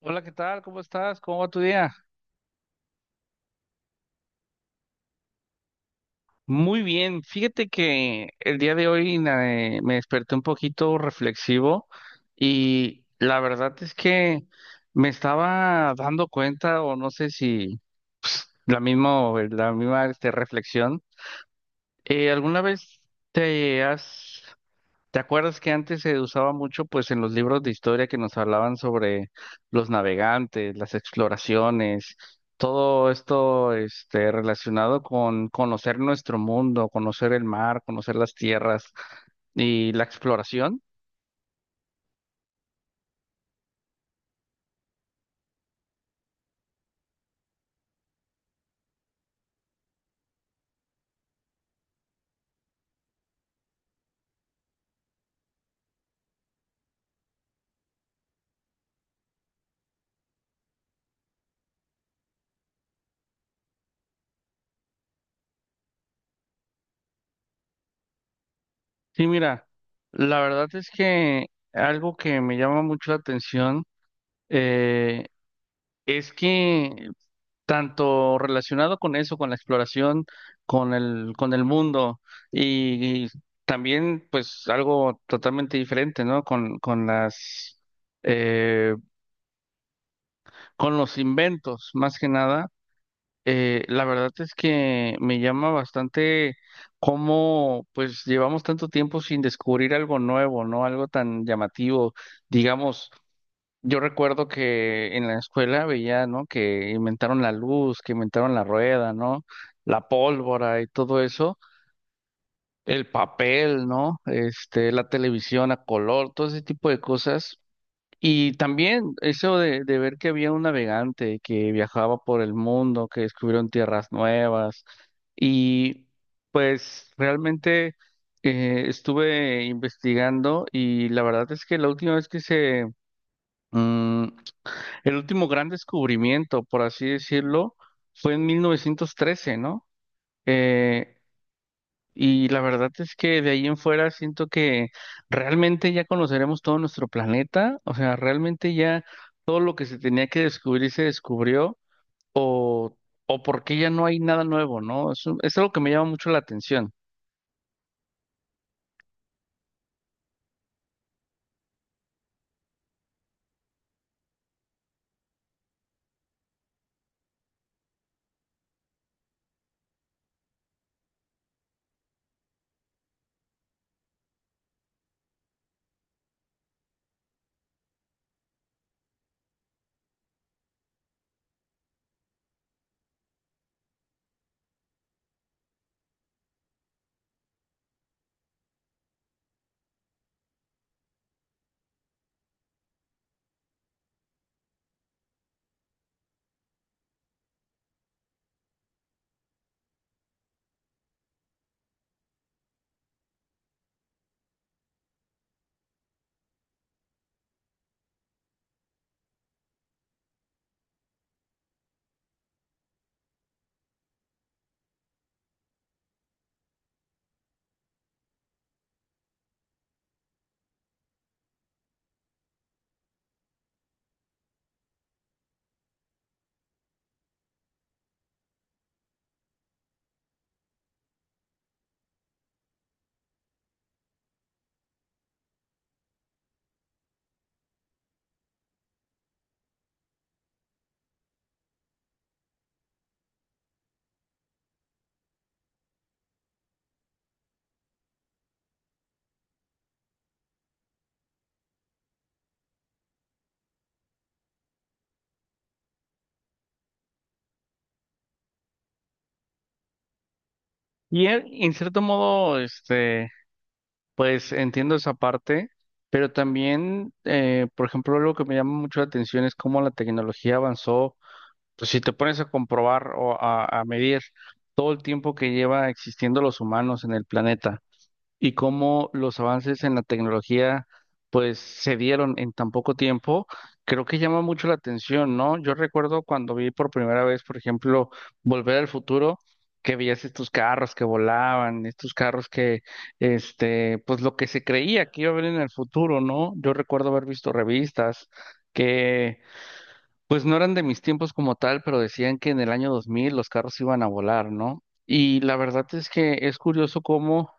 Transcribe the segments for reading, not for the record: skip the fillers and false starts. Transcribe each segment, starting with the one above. Hola, ¿qué tal? ¿Cómo estás? ¿Cómo va tu día? Muy bien. Fíjate que el día de hoy me desperté un poquito reflexivo y la verdad es que me estaba dando cuenta, o no sé si la misma reflexión. ¿Alguna vez te has? ¿Te acuerdas que antes se usaba mucho, pues, en los libros de historia que nos hablaban sobre los navegantes, las exploraciones, todo esto, este, relacionado con conocer nuestro mundo, conocer el mar, conocer las tierras y la exploración? Sí, mira, la verdad es que algo que me llama mucho la atención, eh, es que tanto relacionado con eso, con la exploración, con el mundo y también pues algo totalmente diferente, ¿no? Con las, eh, con los inventos, más que nada. La verdad es que me llama bastante cómo pues llevamos tanto tiempo sin descubrir algo nuevo, ¿no? Algo tan llamativo, digamos. Yo recuerdo que en la escuela veía, ¿no?, que inventaron la luz, que inventaron la rueda, ¿no? La pólvora y todo eso, el papel, ¿no? Este, la televisión a color, todo ese tipo de cosas. Y también eso de ver que había un navegante que viajaba por el mundo, que descubrieron tierras nuevas. Y pues realmente, estuve investigando y la verdad es que la última vez que se... mm, el último gran descubrimiento, por así decirlo, fue en 1913, ¿no? Eh, y la verdad es que de ahí en fuera siento que realmente ya conoceremos todo nuestro planeta, o sea, realmente ya todo lo que se tenía que descubrir se descubrió, o porque ya no hay nada nuevo, ¿no? Es algo que me llama mucho la atención. Y en cierto modo, este, pues entiendo esa parte, pero también, por ejemplo, algo que me llama mucho la atención es cómo la tecnología avanzó. Pues si te pones a comprobar o a medir todo el tiempo que lleva existiendo los humanos en el planeta y cómo los avances en la tecnología pues se dieron en tan poco tiempo, creo que llama mucho la atención, ¿no? Yo recuerdo cuando vi por primera vez, por ejemplo, Volver al Futuro, que veías estos carros que volaban, estos carros que, este, pues lo que se creía que iba a haber en el futuro, ¿no? Yo recuerdo haber visto revistas que pues no eran de mis tiempos como tal, pero decían que en el año 2000 los carros iban a volar, ¿no? Y la verdad es que es curioso cómo,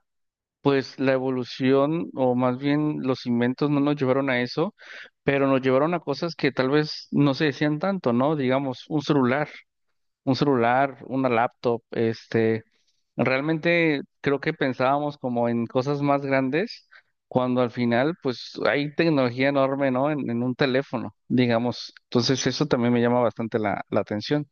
pues, la evolución o más bien los inventos no nos llevaron a eso, pero nos llevaron a cosas que tal vez no se decían tanto, ¿no? Digamos, un celular, una laptop, este, realmente creo que pensábamos como en cosas más grandes, cuando al final pues hay tecnología enorme, ¿no? En un teléfono, digamos. Entonces eso también me llama bastante la atención.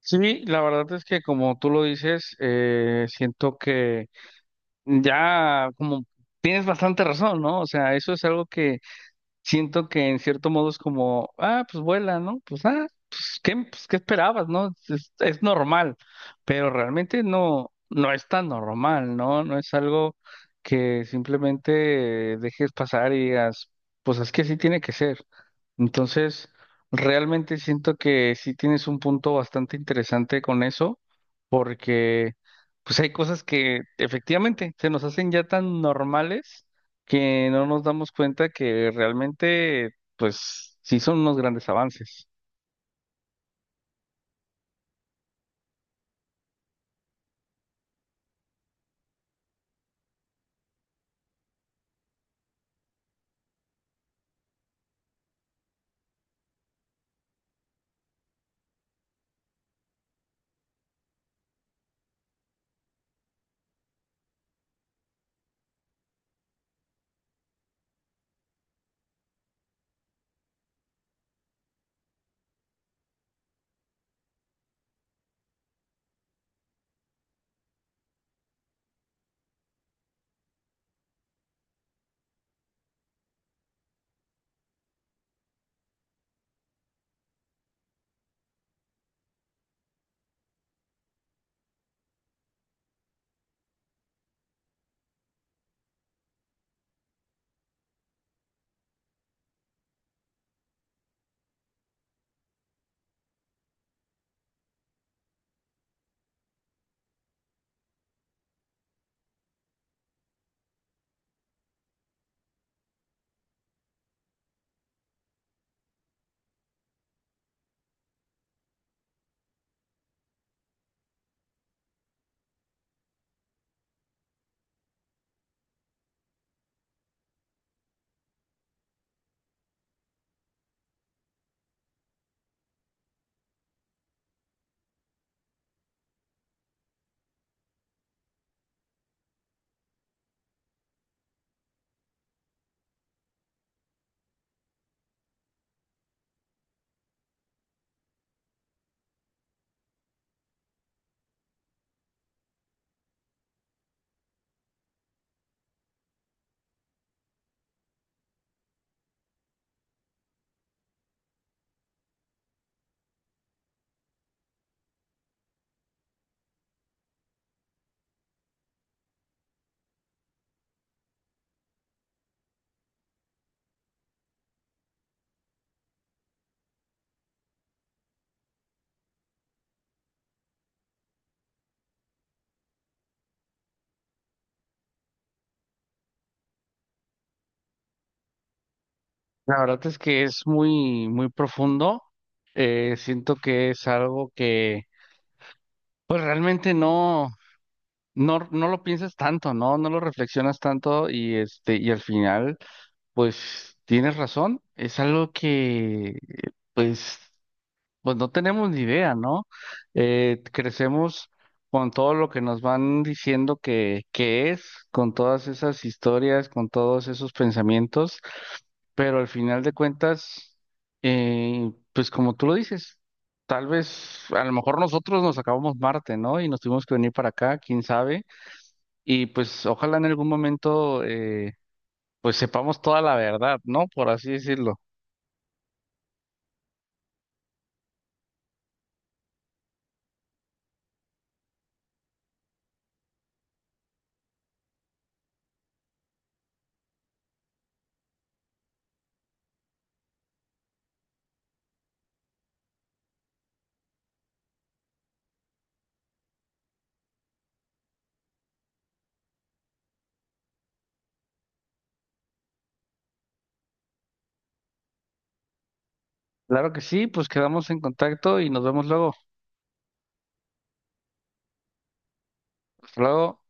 Sí, la verdad es que como tú lo dices, siento que ya como tienes bastante razón, ¿no? O sea, eso es algo que siento que en cierto modo es como, ah, pues vuela, ¿no? Pues, ah, pues, ¿qué esperabas, no? Es normal, pero realmente no, no es tan normal, ¿no? No es algo que simplemente dejes pasar y digas, pues es que así tiene que ser. Entonces, realmente siento que sí tienes un punto bastante interesante con eso, porque pues hay cosas que efectivamente se nos hacen ya tan normales que no nos damos cuenta que realmente, pues, sí son unos grandes avances. La verdad es que es muy, muy profundo. Siento que es algo que, pues, realmente no lo piensas tanto, ¿no? No lo reflexionas tanto y, este, y al final, pues, tienes razón. Es algo que, pues, pues no tenemos ni idea, ¿no? Crecemos con todo lo que nos van diciendo que es, con todas esas historias, con todos esos pensamientos, pero al final de cuentas, pues como tú lo dices, tal vez, a lo mejor nosotros nos acabamos Marte, ¿no? Y nos tuvimos que venir para acá, quién sabe, y pues ojalá en algún momento, pues sepamos toda la verdad, ¿no? Por así decirlo. Claro que sí, pues quedamos en contacto y nos vemos luego. Hasta luego.